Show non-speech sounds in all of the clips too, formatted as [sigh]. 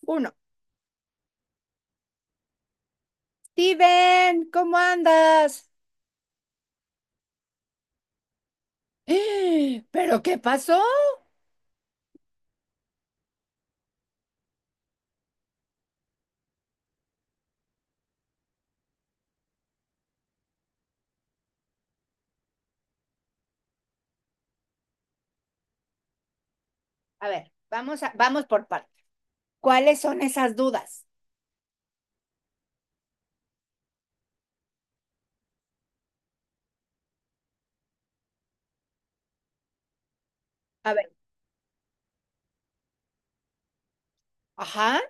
Uno. Steven, ¿cómo andas? [gasps] ¡Eh! ¿Pero qué pasó? A ver, vamos por partes. ¿Cuáles son esas dudas? A ver, ajá.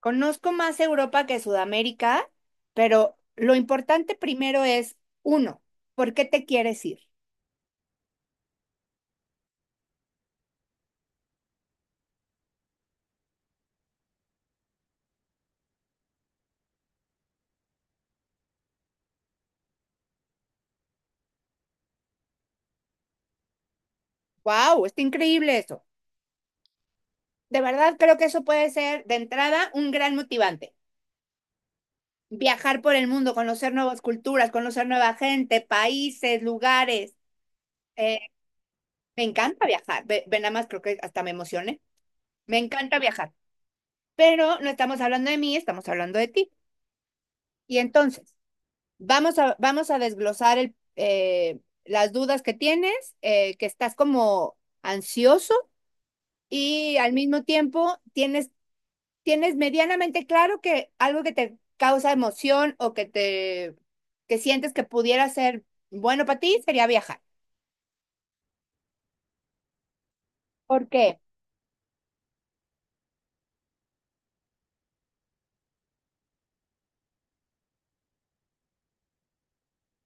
Conozco más Europa que Sudamérica, pero lo importante primero es, uno, ¿por qué te quieres ir? ¡Wow! Está increíble eso. De verdad creo que eso puede ser, de entrada, un gran motivante. Viajar por el mundo, conocer nuevas culturas, conocer nueva gente, países, lugares. Me encanta viajar. Ve, ve nada más, creo que hasta me emocioné. Me encanta viajar. Pero no estamos hablando de mí, estamos hablando de ti. Y entonces, vamos a desglosar las dudas que tienes, que estás como ansioso y al mismo tiempo tienes medianamente claro que algo que te causa emoción o que sientes que pudiera ser bueno para ti sería viajar. ¿Por qué?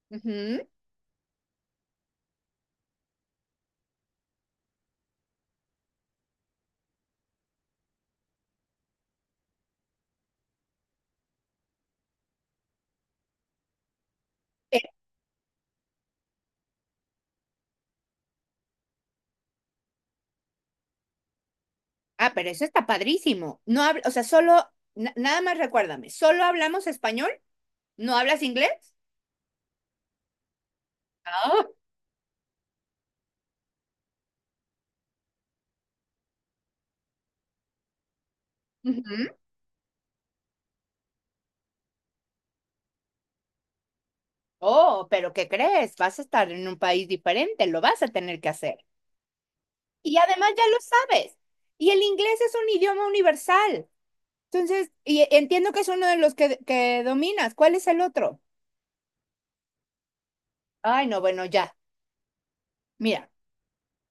Ujú. Ah, pero eso está padrísimo. No habla, o sea, solo, nada más recuérdame, ¿solo hablamos español? ¿No hablas inglés? Ah, ujú. Oh, pero ¿qué crees? Vas a estar en un país diferente, lo vas a tener que hacer. Y además ya lo sabes. Y el inglés es un idioma universal. Entonces, y entiendo que es uno de los que dominas. ¿Cuál es el otro? Ay, no, bueno, ya. Mira,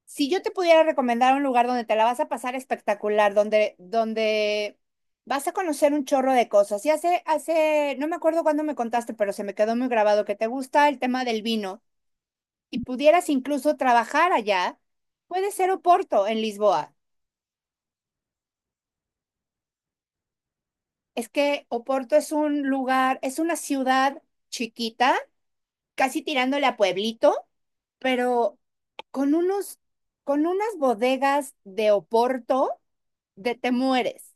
si yo te pudiera recomendar un lugar donde te la vas a pasar espectacular, donde, donde vas a conocer un chorro de cosas. Y hace, no me acuerdo cuándo me contaste, pero se me quedó muy grabado que te gusta el tema del vino y pudieras incluso trabajar allá, puede ser Oporto en Lisboa. Es que Oporto es un lugar, es una ciudad chiquita, casi tirándole a pueblito, pero con unos, con unas bodegas de Oporto de te mueres,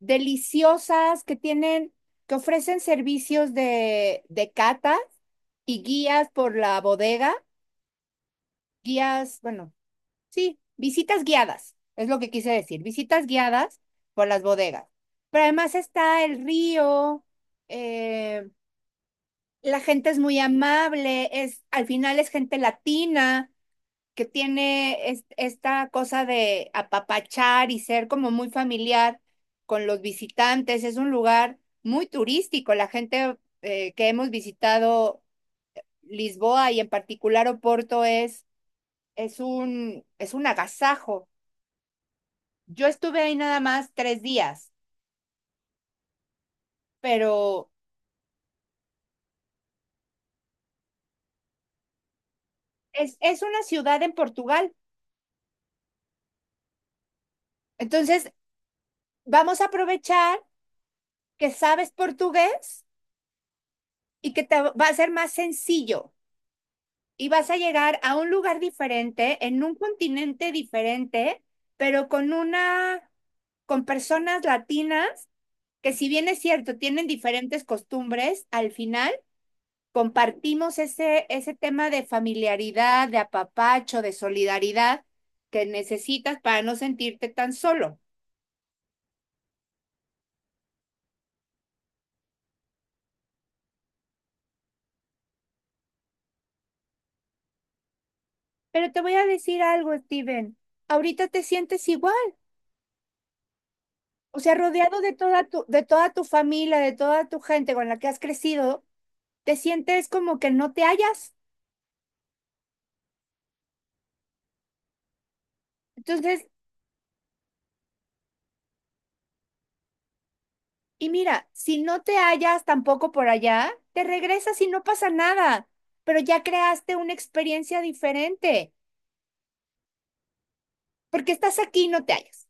deliciosas, que tienen, que ofrecen servicios de catas y guías por la bodega, bueno, sí, visitas guiadas, es lo que quise decir, visitas guiadas por las bodegas. Pero además está el río, eh, la gente es muy amable, al final es gente latina, que tiene esta cosa de apapachar y ser como muy familiar con los visitantes. Es un lugar muy turístico. La gente que hemos visitado Lisboa y en particular Oporto es un agasajo. Yo estuve ahí nada más tres días, pero es una ciudad en Portugal. Entonces, vamos a aprovechar que sabes portugués y que te va a ser más sencillo y vas a llegar a un lugar diferente, en un continente diferente, pero con personas latinas que, si bien es cierto, tienen diferentes costumbres, al final compartimos ese tema de familiaridad, de apapacho, de solidaridad que necesitas para no sentirte tan solo. Pero te voy a decir algo, Steven. Ahorita te sientes igual, o sea, rodeado de toda tu familia, de toda tu gente con la que has crecido, te sientes como que no te hallas. Entonces, y mira, si no te hallas tampoco por allá, te regresas y no pasa nada, pero ya creaste una experiencia diferente, porque estás aquí y no te hallas.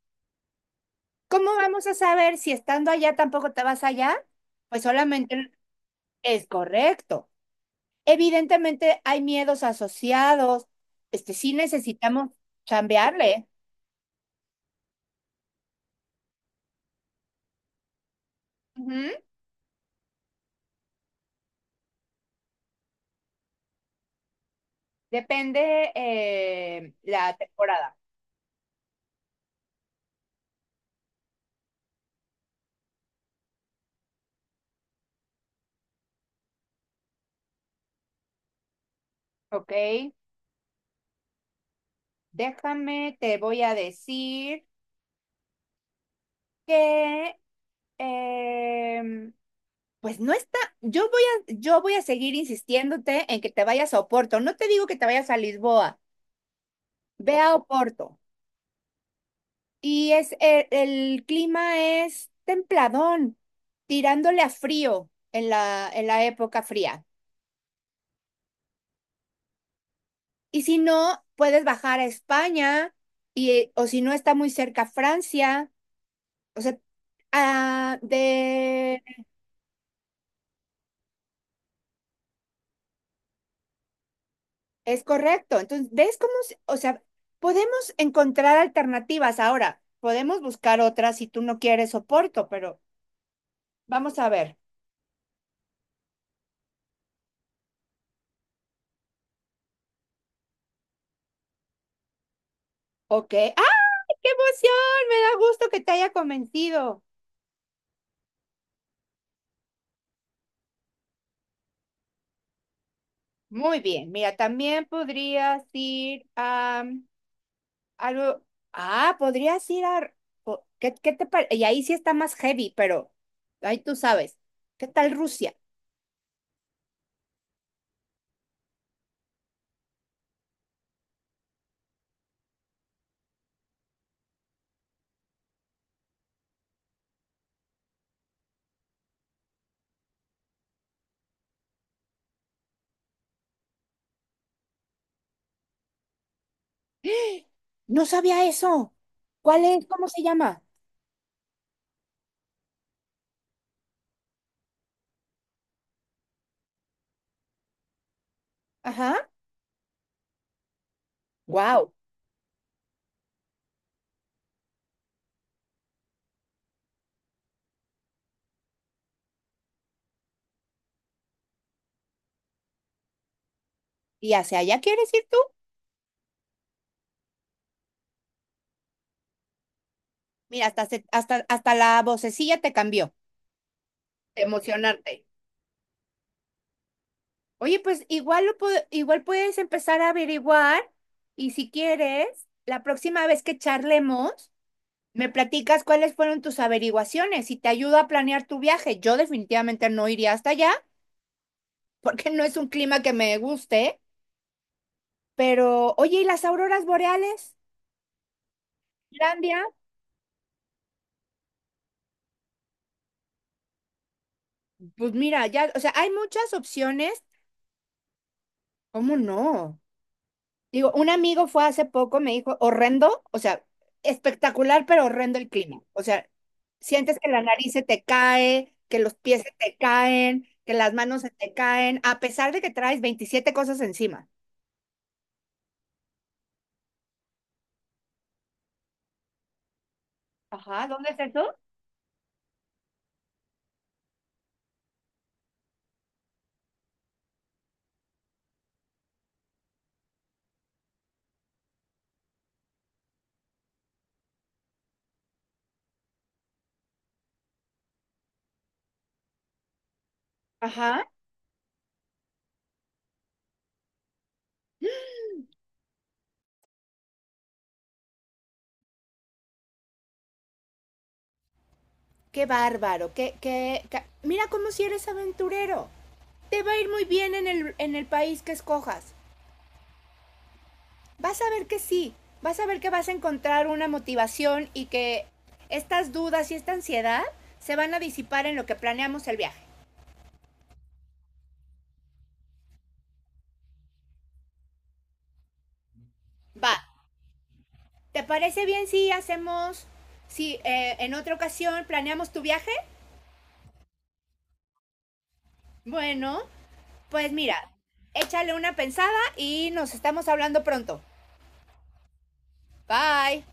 ¿Cómo vamos a saber si estando allá tampoco te vas allá? Pues solamente es correcto. Evidentemente hay miedos asociados, este sí necesitamos chambearle. Ujú. Depende la temporada, ¿ok? Déjame, te voy a decir que, em, pues no está, yo voy a seguir insistiéndote en que te vayas a Oporto. No te digo que te vayas a Lisboa, ve a Oporto. El clima es templadón, tirándole a frío en la época fría. Y si no, puedes bajar a España y, o si no, está muy cerca Francia. O sea, ah, de. Es correcto. Entonces, ¿ves cómo, o sea, podemos encontrar alternativas ahora? Podemos buscar otras si tú no quieres soporto, pero vamos a ver. Ok. ¡Ay, qué emoción! Me da gusto que te haya convencido. Muy bien. Mira, también podrías ir a algo. Ah, podrías ir a. ¿Qué te parece? Y ahí sí está más heavy, pero ahí tú sabes. ¿Qué tal Rusia? [gasps] ¡Ah! No sabía eso. ¿Cuál es? ¿Cómo se llama? Ajá. Wow. ¿Y hacia allá quieres ir tú? Mira, hasta la vocecilla te cambió. Emocionarte. Oye, pues igual, igual puedes empezar a averiguar y, si quieres, la próxima vez que charlemos, me platicas cuáles fueron tus averiguaciones y te ayudo a planear tu viaje. Yo definitivamente no iría hasta allá [laughs] porque no es un clima que me guste, pero oye, ¿y las auroras boreales? Islandia, pues mira, ya, o sea, hay muchas opciones. ¿Cómo no? Digo, un amigo fue hace poco, me dijo, horrendo, o sea, espectacular, pero horrendo el clima. O sea, sientes que la nariz se te cae, que los pies se te caen, que las manos se te caen, a pesar de que traes 27 cosas encima. Ajá, ¿dónde es eso? Ajá. Qué bárbaro, qué, qué, mira cómo si eres aventurero. Te va a ir muy bien en el país que escojas. Vas a ver que sí, vas a ver que vas a encontrar una motivación y que estas dudas y esta ansiedad se van a disipar en lo que planeamos el viaje. Va, ¿te parece bien si en otra ocasión planeamos tu viaje? Bueno, pues mira, échale una pensada y nos estamos hablando pronto. Bye.